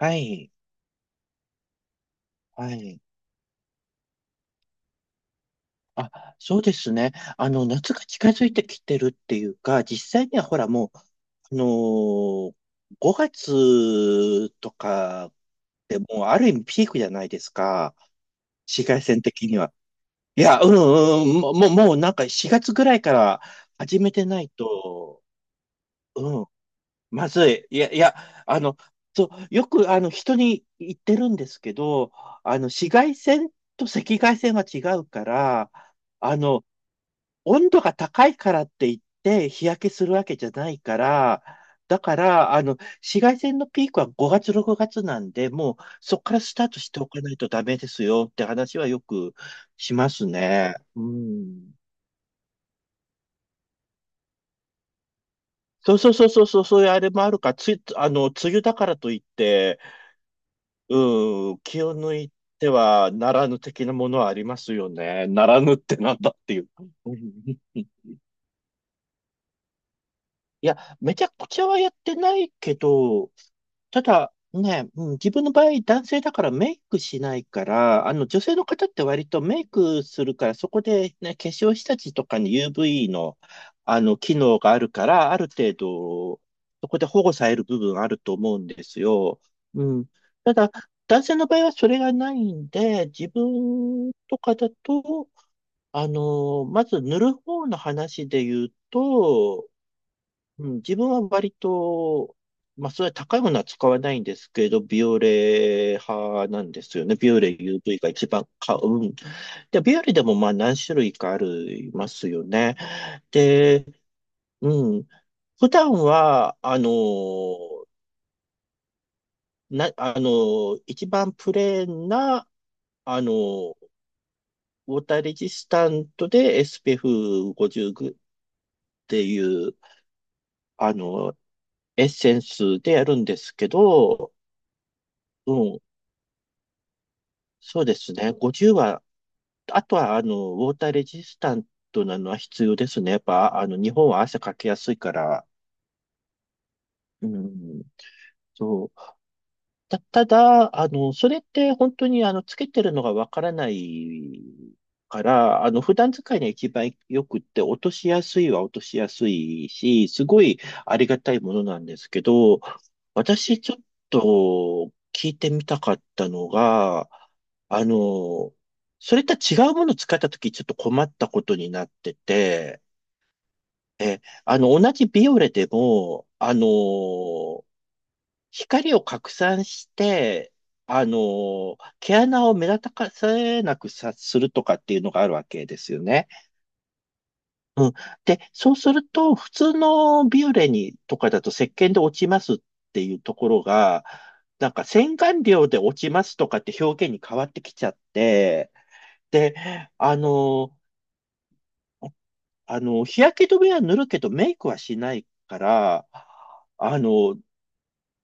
はい、はい。あ、そうですね。夏が近づいてきてるっていうか、実際にはほらもう、あのー、5月とかでもうある意味ピークじゃないですか。紫外線的には。いや、うん、うん、もうなんか4月ぐらいから始めてないと、うん、まずい。いや、いや、あの、そう、よく、人に言ってるんですけど、紫外線と赤外線は違うから、あの、温度が高いからって言って日焼けするわけじゃないから、だから、紫外線のピークは5月、6月なんで、もうそこからスタートしておかないとダメですよって話はよくしますね。うん。そうそうそうそうそう、そういうあれもあるか、つい、梅雨だからといって、うん、気を抜いてはならぬ的なものはありますよね。ならぬってなんだっていう。いや、めちゃくちゃはやってないけど、ただね、うん、自分の場合男性だからメイクしないから、あの女性の方って割とメイクするから、そこでね、化粧下地とかに UV の、あの機能があるから、ある程度、そこで保護される部分あると思うんですよ。うん。ただ、男性の場合はそれがないんで、自分とかだと、まず塗る方の話で言うと、うん、自分は割と、まあ、それは高いものは使わないんですけど、ビオレ派なんですよね。ビオレ UV が一番買う。うんで、ビオレでもまあ何種類かありますよね。で、うん。普段は、あのー、な、あのー、一番プレーンな、あのー、ウォーターレジスタントで SPF50 っていう、あのー、エッセンスでやるんですけど、うん。そうですね。50は、あとは、ウォーターレジスタントなのは必要ですね。やっぱ、日本は汗かきやすいから、うん、そうただ、それって本当につけてるのがわからないから、普段使いには一番よくって、落としやすいは落としやすいし、すごいありがたいものなんですけど、私ちょっと聞いてみたかったのが、あの、それとは違うものを使ったときちょっと困ったことになってて、え、同じビオレでも、光を拡散して、毛穴を目立たせなくさ、するとかっていうのがあるわけですよね。うん。で、そうすると、普通のビューレにとかだと石鹸で落ちますっていうところが、なんか洗顔料で落ちますとかって表現に変わってきちゃって、で、あの、日焼け止めは塗るけどメイクはしないから、あの、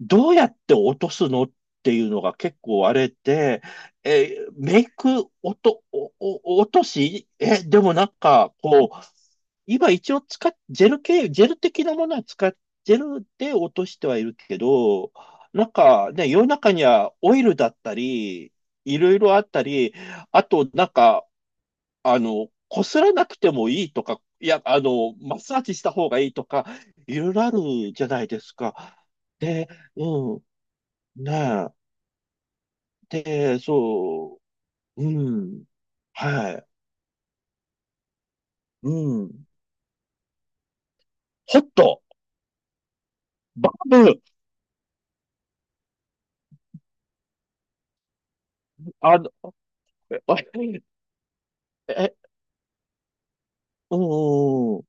どうやって落とすのっていうのが結構あれで、えーメイク落と、おお落とし、え、でもなんか、こう、今一応使っ、ジェル系、ジェル的なものは使っ、ジェルで落としてはいるけど、なんかね、世の中にはオイルだったり、いろいろあったり、あとなんか、こすらなくてもいいとか、いや、マッサージした方がいいとか、いろいろあるじゃないですか。で、うん。ねえ。で、そう、うん、はい、うん。ホット、バブ、あの、え、え、えうん、う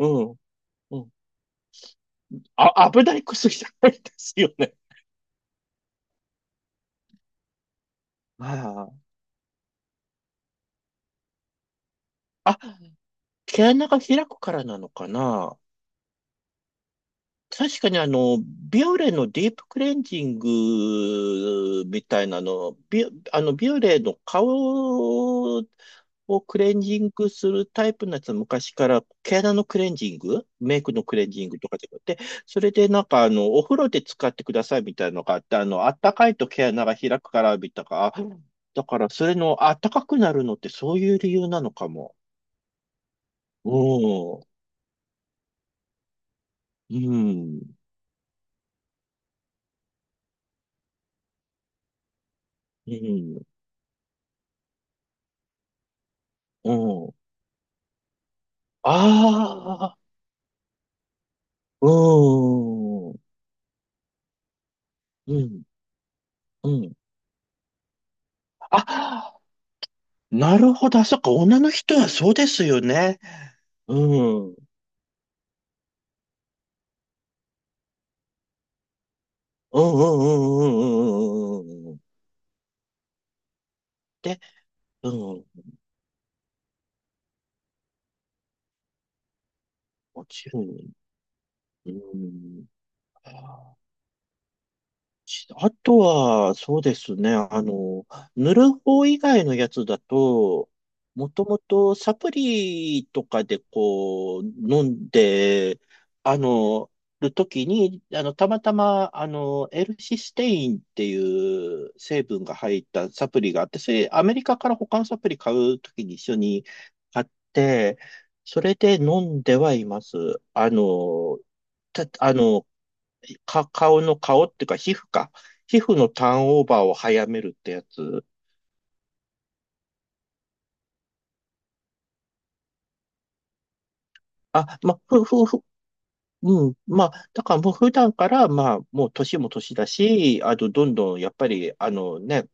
ん、うん。あ、危ない薬じゃないですよね。ああ。あ、毛穴が開くからなのかな。確かにビオレのディープクレンジングみたいなの、ビオレの顔をクレンジングするタイプのやつは昔から毛穴のクレンジング、メイクのクレンジングとかでって、それでなんかお風呂で使ってくださいみたいなのがあって、あったかいと毛穴が開くからみたいな、だからそれのあったかくなるのってそういう理由なのかも。うん、うん、うん、うん。ああ、うーん、うん、うん、あ、なるほど。あ、そっか。女の人はそうですよね。うん、うん、うん、うん、うん、うん、うん、うん、うん、で、うん。もちろん。うん。しあとは、そうですね。塗る方以外のやつだと、もともとサプリとかでこう、飲んで、あの、るときに、たまたま、L システインっていう成分が入ったサプリがあって、それ、アメリカから他のサプリ買うときに一緒に買って、それで飲んではいます。あの、た、あの、か、顔っていうか皮膚か。皮膚のターンオーバーを早めるってやつ。あ、まあ、ふ、ふ、ふ、うん。まあ、だからもう普段から、まあ、もう年も年だし、あと、どんどん、やっぱり、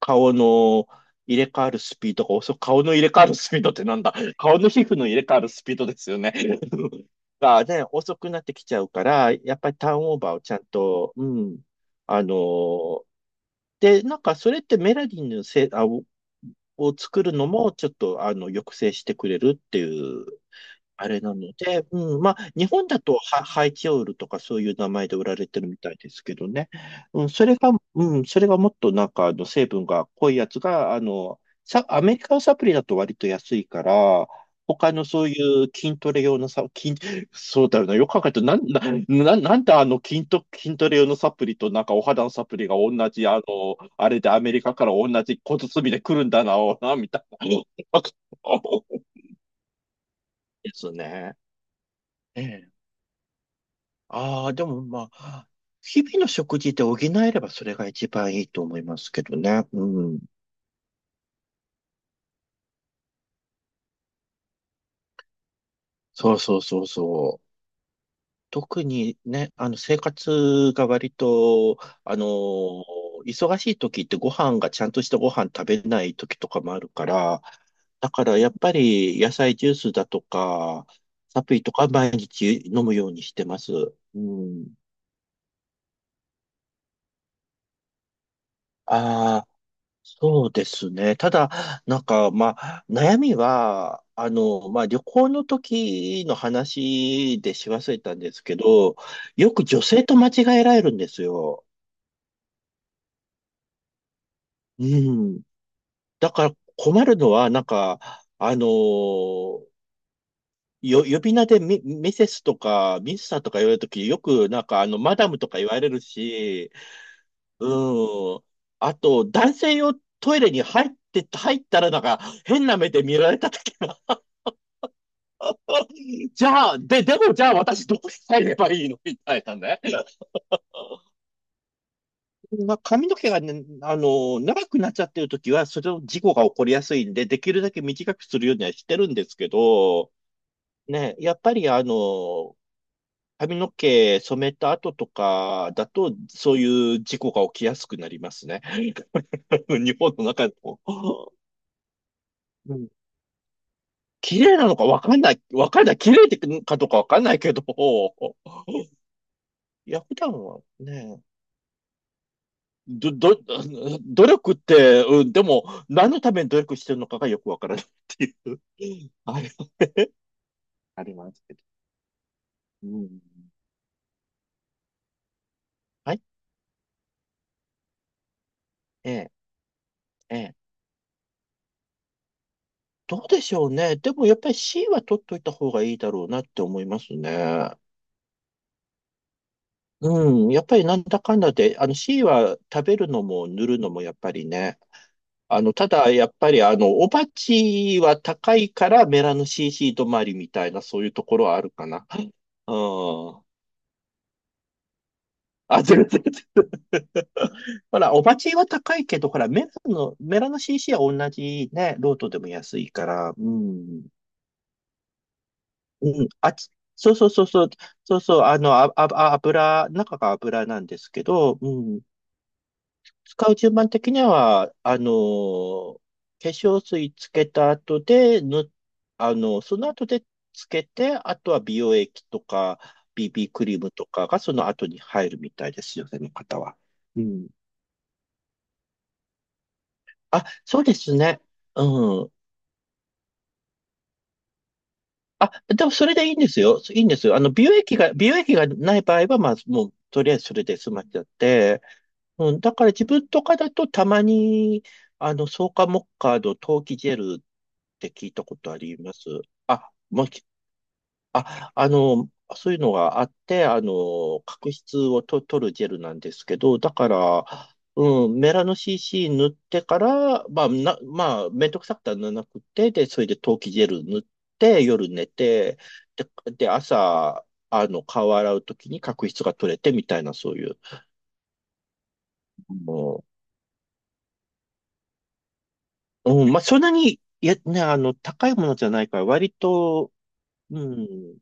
顔の入れ替わるスピードが遅く、顔の入れ替わるスピードってなんだ 顔の皮膚の入れ替わるスピードですよね。がね、遅くなってきちゃうから、やっぱりターンオーバーをちゃんと、うん、あの、で、なんかそれってメラニンのせい、を作るのもちょっと抑制してくれるっていうあれなので、うん、まあ、日本だとハイチオールとかそういう名前で売られてるみたいですけどね。うん、それが、うん、それがもっとなんか、成分が濃いやつが、アメリカのサプリだと割と安いから、他のそういう筋トレ用のそうだよな、よく考えると、なんで筋トレ用のサプリとなんかお肌のサプリが同じ、あれでアメリカから同じ小包で来るんだな、みたいな。ですね。ええああ、でもまあ、日々の食事で補えればそれが一番いいと思いますけどね。うん。そうそうそうそう。特にね、生活が割と、あのー忙しい時ってご飯がちゃんとしたご飯食べない時とかもあるから、だからやっぱり野菜ジュースだとか、サプリとか毎日飲むようにしてます。うん。あそうですね。ただ、なんか、まあ、悩みは、まあ、旅行の時の話でし忘れたんですけど、よく女性と間違えられるんですよ。うん。だから困るのは、なんか、あの、呼び名でミセスとか、ミスターとか言われるとき、よく、なんか、マダムとか言われるし、うん。あと、男性用トイレに入って、入ったら、なんか、変な目で見られた時じゃあ、でもじゃあ私どう入ればいいのみたいなね。まあ、髪の毛がね、長くなっちゃってるときは、それの事故が起こりやすいんで、できるだけ短くするようにはしてるんですけど、ね、やっぱり髪の毛染めた後とかだと、そういう事故が起きやすくなりますね。日本の中でも。うん綺麗なのかわかんない、綺麗かどうかわかんないけど、いや、普段はね、ど、ど、努力って、うん、でも、何のために努力してるのかがよくわからないっていう あれはありますけど。うん。はい。ええ、ええ。どうでしょうね。でも、やっぱり C は取っといた方がいいだろうなって思いますね。うん。やっぱりなんだかんだで、あの C は食べるのも塗るのもやっぱりね。ただ、やっぱりおばちは高いからメラノ CC 止まりみたいな、そういうところはあるかな。うん。あ、全然、全然 ほら、お鉢は高いけど、ほら、メラの CC は同じね、ロートでも安いから、うん。うん、そうそうそうそう、そうそう、あの、あ、あ、あ油、中が油なんですけど、うん。使う順番的には、化粧水つけた後で、ぬ、あの、その後でつけて、あとは美容液とか、BB クリームとかがその後に入るみたいですよね、の方は。うん。あ、そうですね。うん。あ、でもそれでいいんですよ。いいんですよ。美容液がない場合は、まあ、もう、とりあえずそれで済ましちゃって。うん、だから自分とかだとたまに、草加モッカード、陶器ジェルって聞いたことあります。あ、もう、あ、そういうのがあって、角質を取るジェルなんですけど、だから、うん、メラノ CC 塗ってから、まあ、まあ、めんどくさくて塗らなくて、で、それで陶器ジェル塗って、夜寝て、で、で、朝、顔洗うときに角質が取れてみたいな、そういう。もううんまあ、そんなに、いや、ね、高いものじゃないから、割と、うん、